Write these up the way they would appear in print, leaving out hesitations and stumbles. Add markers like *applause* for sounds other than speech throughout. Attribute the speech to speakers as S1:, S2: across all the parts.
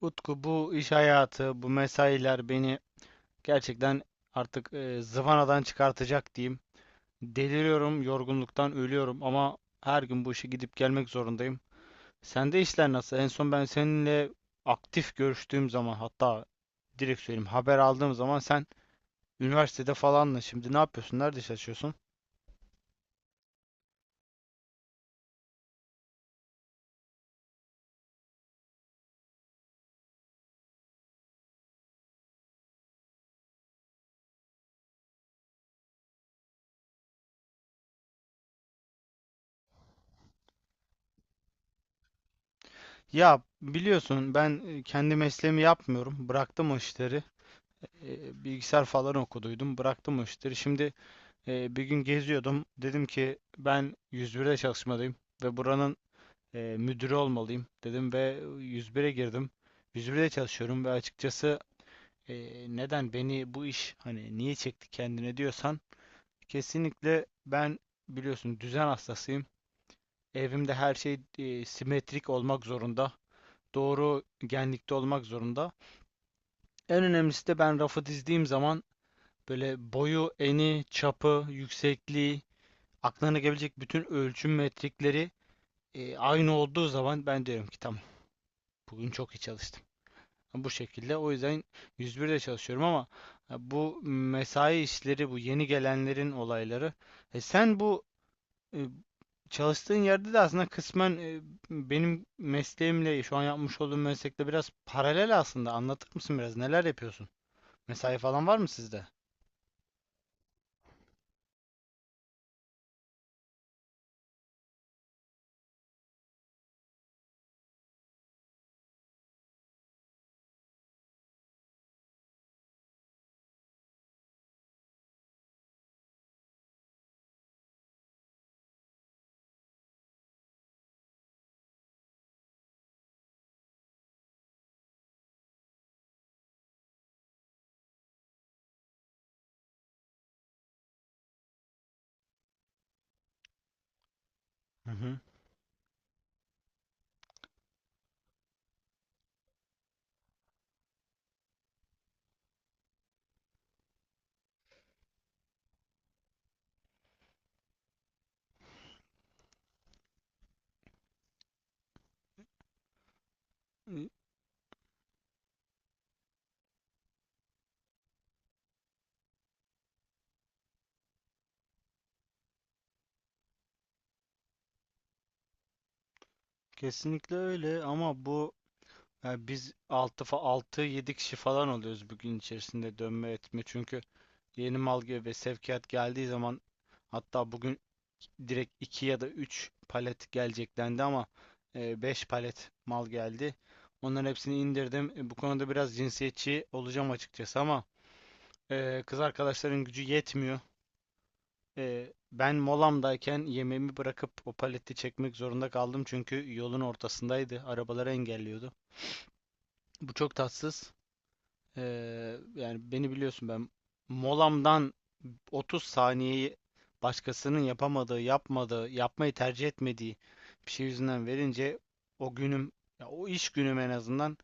S1: Utku, bu iş hayatı, bu mesailer beni gerçekten artık zıvanadan çıkartacak diyeyim. Deliriyorum, yorgunluktan ölüyorum ama her gün bu işe gidip gelmek zorundayım. Sende işler nasıl? En son ben seninle aktif görüştüğüm zaman, hatta direkt söyleyeyim, haber aldığım zaman sen üniversitede falanla. Şimdi ne yapıyorsun? Nerede çalışıyorsun? Ya biliyorsun, ben kendi mesleğimi yapmıyorum. Bıraktım o işleri. Bilgisayar falan okuduydum. Bıraktım o işleri. Şimdi bir gün geziyordum. Dedim ki ben 101'de çalışmalıyım ve buranın müdürü olmalıyım, dedim ve 101'e girdim. 101'de çalışıyorum ve açıkçası, e, neden beni bu iş, hani niye çekti kendine diyorsan, kesinlikle ben, biliyorsun, düzen hastasıyım. Evimde her şey simetrik olmak zorunda. Doğru genlikte olmak zorunda. En önemlisi de ben rafı dizdiğim zaman böyle boyu, eni, çapı, yüksekliği, aklına gelebilecek bütün ölçüm metrikleri aynı olduğu zaman ben diyorum ki tamam, bugün çok iyi çalıştım. Bu şekilde, o yüzden 101'de çalışıyorum ama bu mesai işleri bu yeni gelenlerin olayları. Sen bu e, çalıştığın yerde de aslında kısmen benim mesleğimle, şu an yapmış olduğum meslekle biraz paralel aslında. Anlatır mısın biraz neler yapıyorsun? Mesai falan var mı sizde? Hı hı. E, Kesinlikle öyle ama bu, yani biz 6, 6, 7 kişi falan oluyoruz bugün içerisinde, dönme etme. Çünkü yeni mal ve sevkiyat geldiği zaman, hatta bugün direkt 2 ya da 3 palet gelecek dendi ama 5 palet mal geldi. Onların hepsini indirdim. Bu konuda biraz cinsiyetçi olacağım açıkçası ama kız arkadaşların gücü yetmiyor. Ben molamdayken yemeğimi bırakıp o paleti çekmek zorunda kaldım çünkü yolun ortasındaydı. Arabaları engelliyordu. Bu çok tatsız. Yani beni biliyorsun, ben molamdan 30 saniyeyi başkasının yapamadığı, yapmadığı, yapmayı tercih etmediği bir şey yüzünden verince, o günüm, ya o iş günüm en azından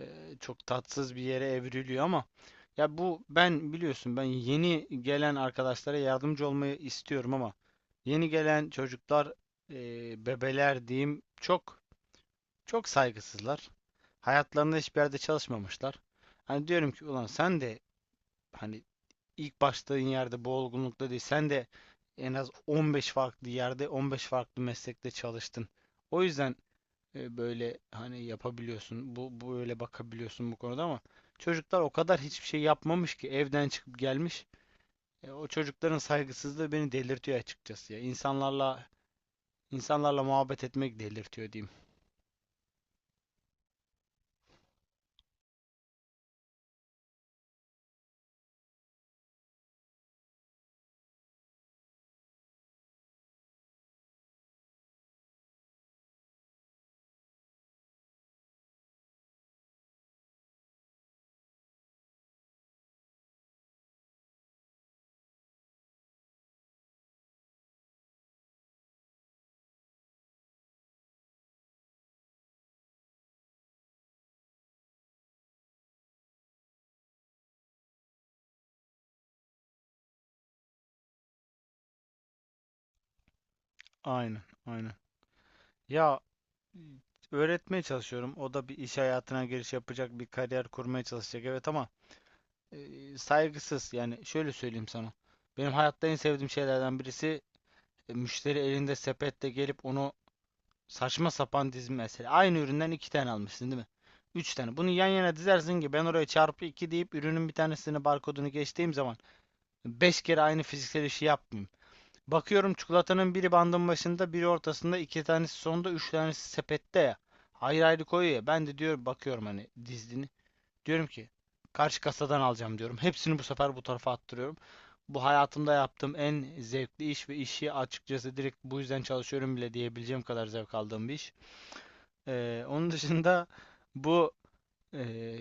S1: e, çok tatsız bir yere evriliyor. Ama ya, bu ben biliyorsun, ben yeni gelen arkadaşlara yardımcı olmayı istiyorum ama yeni gelen çocuklar, bebeler diyeyim, çok çok saygısızlar. Hayatlarında hiçbir yerde çalışmamışlar. Hani diyorum ki ulan, sen de, hani, ilk başladığın yerde bu olgunlukta değil. Sen de en az 15 farklı yerde, 15 farklı meslekte çalıştın. O yüzden böyle, hani, yapabiliyorsun. Bu böyle bakabiliyorsun bu konuda, ama çocuklar o kadar hiçbir şey yapmamış ki evden çıkıp gelmiş. O çocukların saygısızlığı beni delirtiyor açıkçası ya. İnsanlarla muhabbet etmek delirtiyor diyeyim. Aynen, aynen. Ya. Hmm. Öğretmeye çalışıyorum. O da bir iş hayatına giriş yapacak, bir kariyer kurmaya çalışacak. Evet ama saygısız. Yani şöyle söyleyeyim sana. Benim hayatta en sevdiğim şeylerden birisi müşteri elinde sepetle gelip onu saçma sapan dizme mesela. Aynı üründen iki tane almışsın değil mi? Üç tane. Bunu yan yana dizersin ki ben oraya çarpı iki deyip ürünün bir tanesini, barkodunu geçtiğim zaman beş kere aynı fiziksel işi yapmayayım. Bakıyorum çikolatanın biri bandın başında, biri ortasında, iki tanesi sonda, üç tanesi sepette ya. Ayrı ayrı koyuyor ya. Ben de diyorum, bakıyorum hani dizdiğini. Diyorum ki karşı kasadan alacağım, diyorum. Hepsini bu sefer bu tarafa attırıyorum. Bu, hayatımda yaptığım en zevkli iş ve işi, açıkçası direkt bu yüzden çalışıyorum bile diyebileceğim kadar zevk aldığım bir iş. Onun dışında, bu, ee,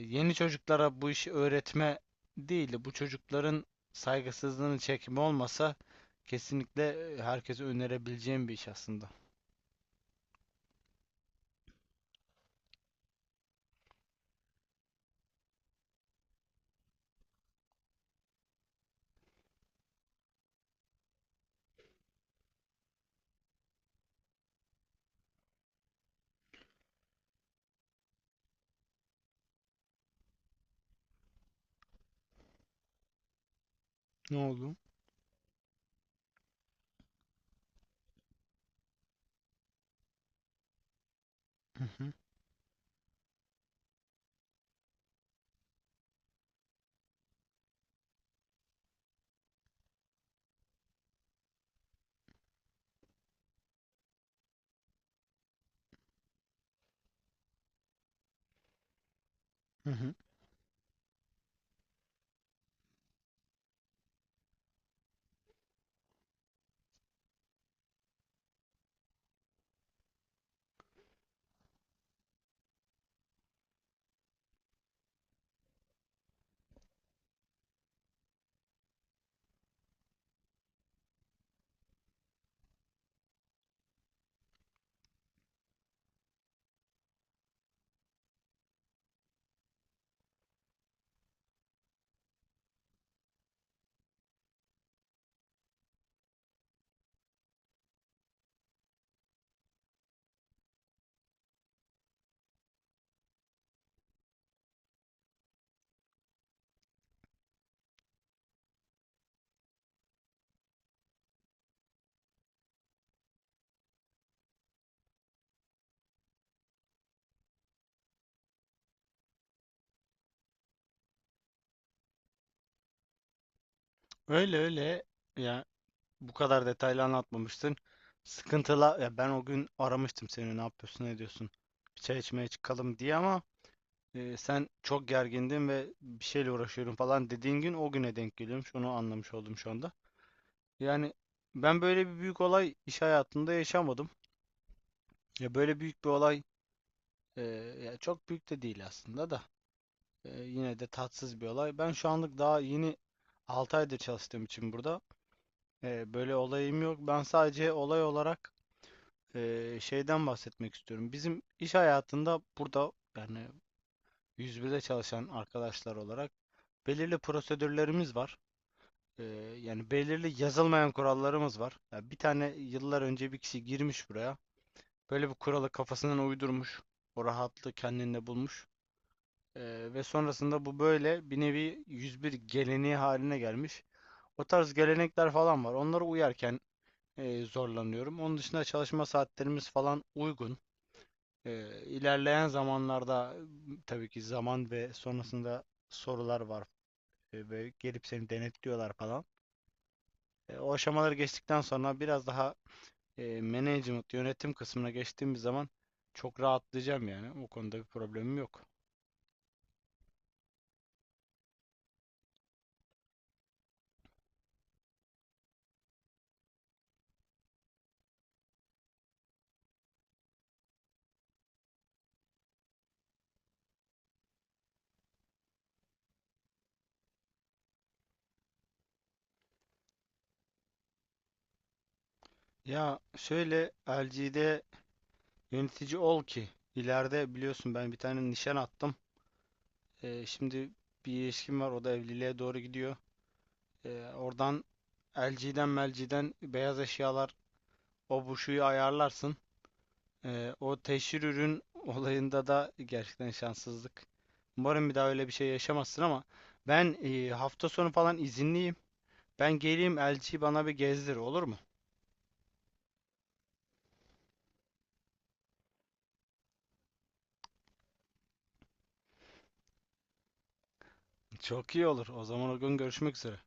S1: yeni çocuklara bu işi öğretme değil de bu çocukların saygısızlığını çekme olmasa, kesinlikle herkese önerebileceğim bir iş aslında. Ne oldu? Hı hı, hı hı. Öyle öyle. Ya, bu kadar detaylı anlatmamıştın. Sıkıntıla, ya ben o gün aramıştım seni, ne yapıyorsun, ne ediyorsun, bir çay içmeye çıkalım diye, ama sen çok gergindin ve bir şeyle uğraşıyorum falan dediğin gün, o güne denk geliyormuş, onu anlamış oldum şu anda. Yani ben böyle bir büyük olay iş hayatında yaşamadım. Ya böyle büyük bir olay, e, ya çok büyük de değil aslında da yine de tatsız bir olay. Ben şu anlık, daha yeni 6 aydır çalıştığım için burada, böyle olayım yok. Ben sadece olay olarak şeyden bahsetmek istiyorum. Bizim iş hayatında burada, yani 101'de çalışan arkadaşlar olarak, belirli prosedürlerimiz var. E, yani belirli yazılmayan kurallarımız var. Ya bir tane yıllar önce bir kişi girmiş buraya. Böyle bir kuralı kafasından uydurmuş. O rahatlığı kendinde bulmuş. Ve sonrasında bu böyle bir nevi 101 geleneği haline gelmiş. O tarz gelenekler falan var. Onlara uyarken zorlanıyorum. Onun dışında çalışma saatlerimiz falan uygun. İlerleyen zamanlarda tabii ki zaman ve sonrasında sorular var. Ve gelip seni denetliyorlar falan. O aşamaları geçtikten sonra biraz daha management, yönetim kısmına geçtiğimiz zaman çok rahatlayacağım yani. O konuda bir problemim yok. Ya şöyle, LG'de yönetici ol ki ileride, biliyorsun, ben bir tane nişan attım. Şimdi bir ilişkim var, o da evliliğe doğru gidiyor. Oradan, LG'den, melciden beyaz eşyalar, o bu, şuyu ayarlarsın. O teşhir ürün *laughs* olayında da gerçekten şanssızlık. Umarım bir daha öyle bir şey yaşamazsın ama ben hafta sonu falan izinliyim. Ben geleyim, elçiyi bana bir gezdir, olur mu? Çok iyi olur. O zaman o gün görüşmek üzere.